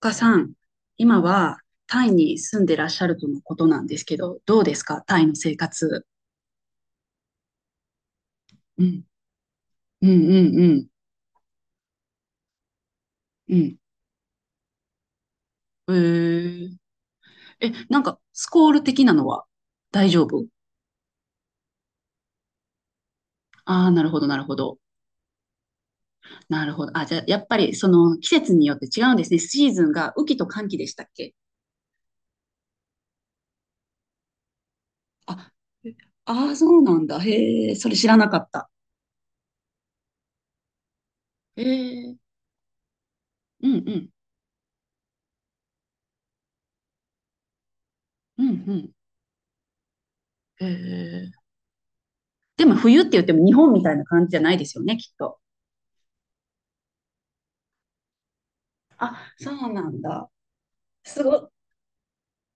岡さん、今はタイに住んでらっしゃるとのことなんですけど、どうですかタイの生活？うん、うん、うん、うん、うん。へえ。え、なんか、スコール的なのは大丈夫？ああー、なるほど、なるほど。なるほど。あ、じゃあ、やっぱり、その、季節によって違うんですね。シーズンが雨季と乾季でしたっけ？あ、えあー、そうなんだ。へえ、それ知らなかった。へえ、うん、うん、うん、うん。へえ。でも、冬って言っても日本みたいな感じじゃないですよね、きっと。あ、そうなんだ。すご、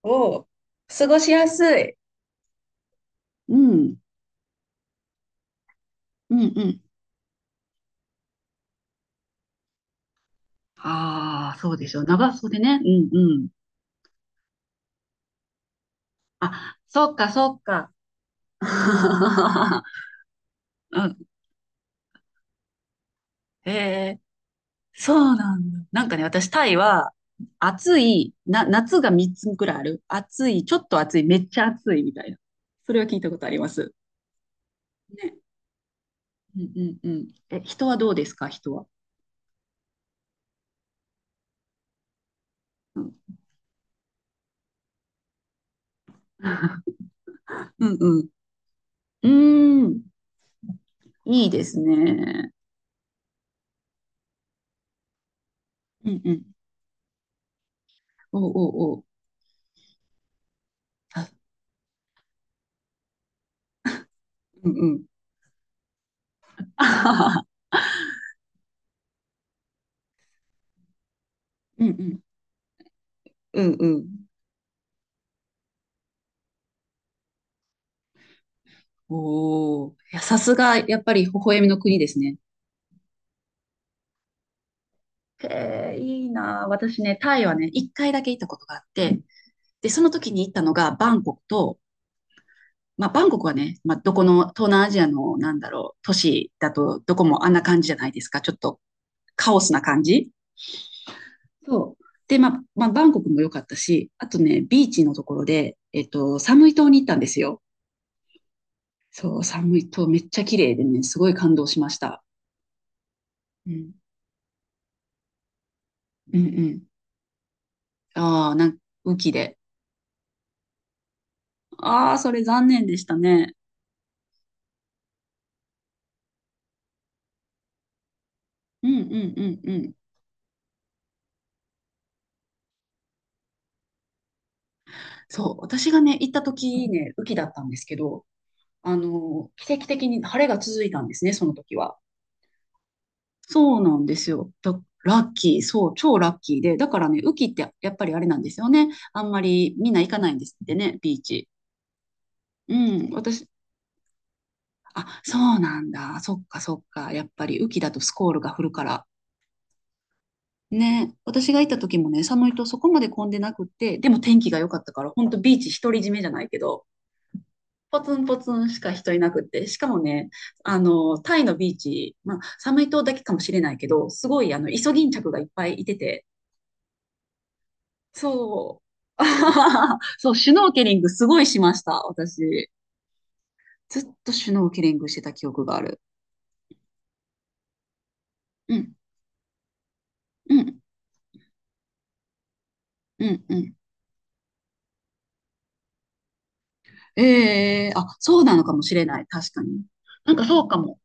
おう、過ごしやすい。うん、うん、うん。ああ、そうでしょう。長袖ね。うん、うん。あ、そっか、そっか。うん。へえ、そうなんだ。なんかね、私、タイは、暑い、な、夏が3つぐらいある。暑い、ちょっと暑い、めっちゃ暑いみたいな。それは聞いたことあります。ね。うん、うん、うん。え、人はどうですか、人は？うん。うん、うん。うーん、いいですね。うんうん。おうおうおう。あ、うんうん。あははうんうん。うんうん。おお。いや、さすが、やっぱり微笑みの国ですね。へえ、いいなあ。私ね、タイはね、一回だけ行ったことがあって、で、その時に行ったのがバンコクと、まあ、バンコクはね、まあ、どこの東南アジアの、なんだろう、都市だと、どこもあんな感じじゃないですか。ちょっとカオスな感じ。そう。で、まあ、まあ、バンコクも良かったし、あとね、ビーチのところで、サムイ島に行ったんですよ。そう、寒いとめっちゃ綺麗でね、すごい感動しました。うん。うんうん。ああ、なんか、雨季で。ああ、それ残念でしたね。うんうんうんうん。そう、私がね、行った時ね、雨季だったんですけど、あの、奇跡的に晴れが続いたんですね、その時は。そうなんですよ。ラッキー、そう、超ラッキーで。だからね、雨季ってやっぱりあれなんですよね。あんまりみんな行かないんですってね、ビーチ。うん、私、あ、そうなんだ。そっかそっか。やっぱり雨季だとスコールが降るから。ね、私が行った時もね、寒いとそこまで混んでなくって、でも天気が良かったから、ほんとビーチ独り占めじゃないけど、ポツンポツンしか人いなくって、しかもね、あの、タイのビーチ、まあ、寒い島だけかもしれないけど、すごい、あの、イソギンチャクがいっぱいいてて、そう。そう、シュノーケリングすごいしました、私。ずっとシュノーケリングしてた記憶がある。うん、うん、うん、うん。ええーあ、そうなのかもしれない、確かに。なんかそうかも。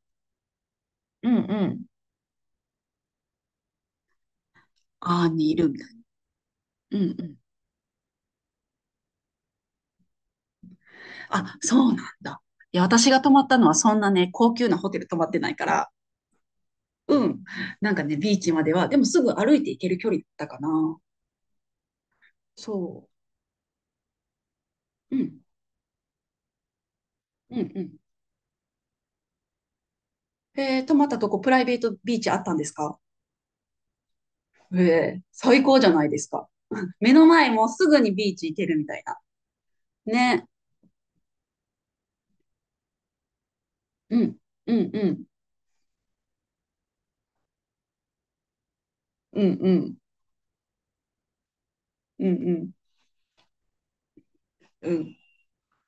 うん、うん。ああ、にいるうんうん。あ、そうなんだ。いや、私が泊まったのはそんなね、高級なホテル泊まってないから、うん。なんかね、ビーチまでは、でもすぐ歩いて行ける距離だったかな。そう。うん。うんうん。泊まったとこプライベートビーチあったんですか？ええ、最高じゃないですか。目の前もうすぐにビーチ行けるみたいな。ね。うん。うんうん。うんうん。うんうん。うん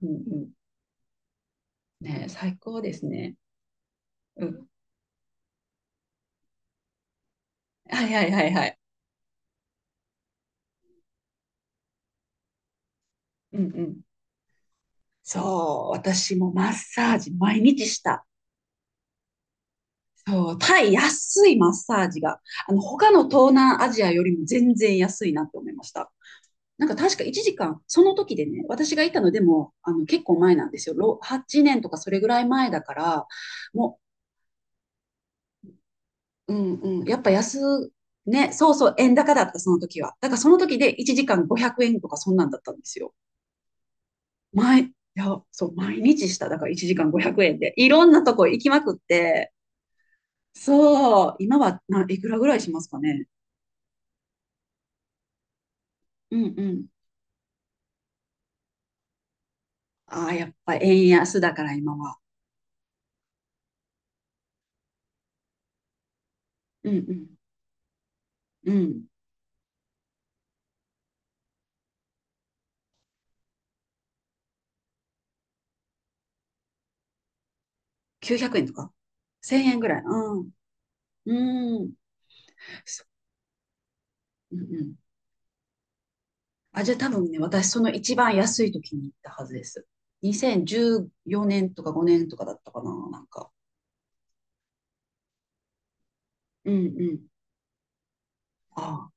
うん。うんねえ、最高ですね。うん。はいはいはいはい。うんうん。そう、私もマッサージ毎日した。そう、タイ安いマッサージが、あの、他の東南アジアよりも全然安いなって思いました。なんか確か1時間、その時でね、私がいたのでも、あの、結構前なんですよ。8年とかそれぐらい前だから、もう、うんうん、やっぱ安、ね、そうそう、円高だった、その時は。だからその時で1時間500円とかそんなんだったんですよ。いや、そう、毎日した。だから1時間500円で。いろんなとこ行きまくって、そう、今はな、いくらぐらいしますかね。うんうん。ああ、やっぱ円安だから今は。うんうん。うん。900円とか ?1000 円ぐらい。うん。うん。そうんうん。あ、じゃあ多分ね、私その一番安い時に行ったはずです。2014年とか5年とかだったかな、なんか。うんうん。ああ。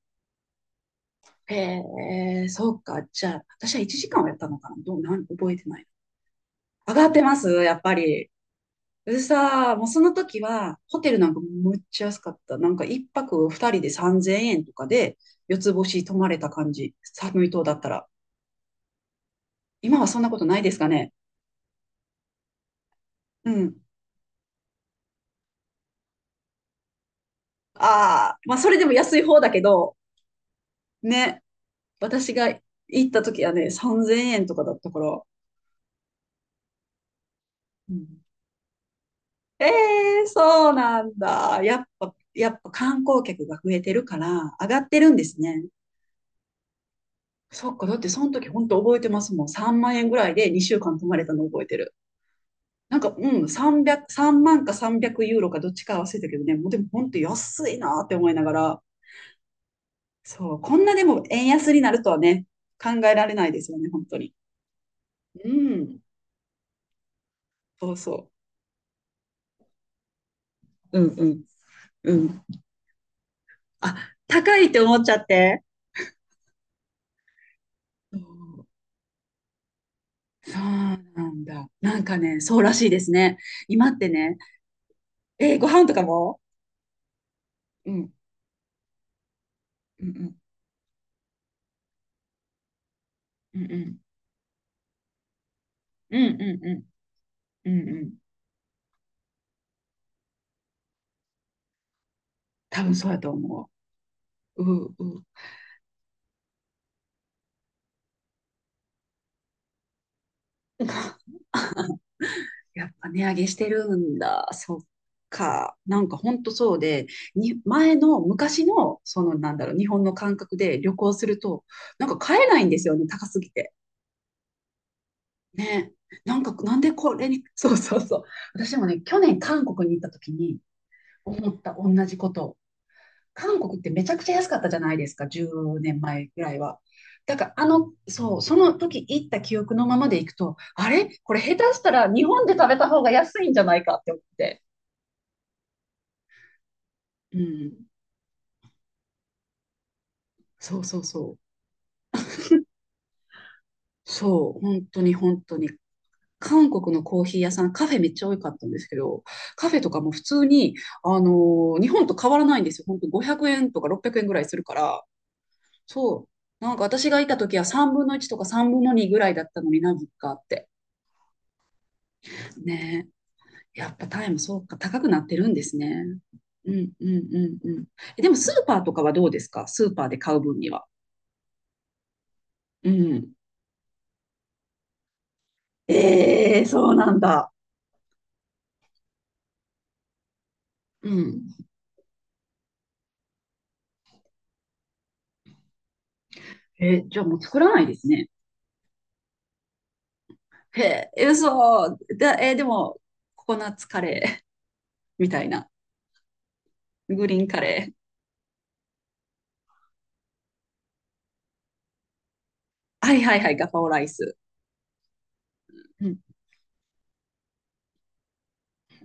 へえ、そうか。じゃあ、私は1時間はやったのかな。どう、なん、覚えてない。上がってますやっぱり。でさー、もうその時は、ホテルなんかむっちゃ安かった。なんか一泊二人で3000円とかで、四つ星泊まれた感じ。寒い島だったら。今はそんなことないですかね。うん。ああ、まあそれでも安い方だけど、ね。私が行った時はね、3000円とかだったから。うん、ええー、そうなんだ。やっぱ観光客が増えてるから、上がってるんですね。そっか、だってその時本当覚えてますもん。3万円ぐらいで2週間泊まれたの覚えてる。なんか、うん、300、3万か300ユーロかどっちか忘れたけどね、もうでも本当安いなって思いながら、そう、こんなでも円安になるとはね、考えられないですよね、本当に。うん、そうそう。うんうんうん。あ、高いって思っちゃって。そうそうなんだ。なんかね、そうらしいですね。今ってね、ご飯とかもうん、うん、うん、うん、うん、うん、うん、うん、うん、多分そうやと思う。うん、うん。やっぱ値上げしてるんだ。そっか。なんかほんとそうで、前の昔の、そのなんだろう、日本の感覚で旅行すると、なんか買えないんですよね、高すぎて。ね。なんか、なんでこれに、そうそうそう。私もね、去年韓国に行った時に思った同じこと。韓国ってめちゃくちゃ安かったじゃないですか、10年前ぐらいは。だから、あの、そう、その時行った記憶のままで行くと、あれこれ下手したら日本で食べた方が安いんじゃないかって思って。うん、そうそうそう。そう、本当に本当に。韓国のコーヒー屋さん、カフェめっちゃ多かったんですけど、カフェとかも普通に、あの日本と変わらないんですよ。本当500円とか600円ぐらいするから、そう、なんか私がいた時は3分の1とか3分の2ぐらいだったのになぜかって。ねえ、やっぱタイもそうか、高くなってるんですね。うんうんうんうん。えでもスーパーとかはどうですか？スーパーで買う分には。うん。ええそうなんだ。うん。じゃあもう作らないですね。へえ、嘘。だ、えーでも、ココナッツカレー みたいな。グリーンカレー。はいはいはい、ガパオライス。うん、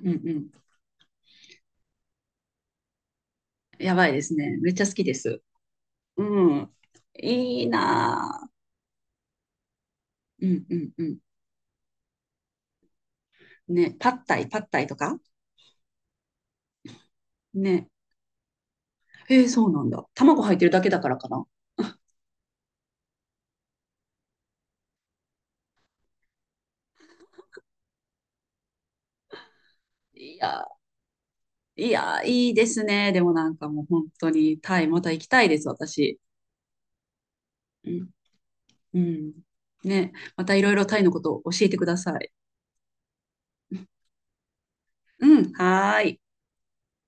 うん、うん。やばいですね。めっちゃ好きです。うん。いいなぁうん、うん、うん。ね、パッタイ、パッタイとかね。へえ、そうなんだ。卵入ってるだけだからかな。いや、いや、いいですね。でもなんかもう本当にタイ、また行きたいです、私。うん、うん。ね、またいろいろタイのことを教えてください。うん、はーい。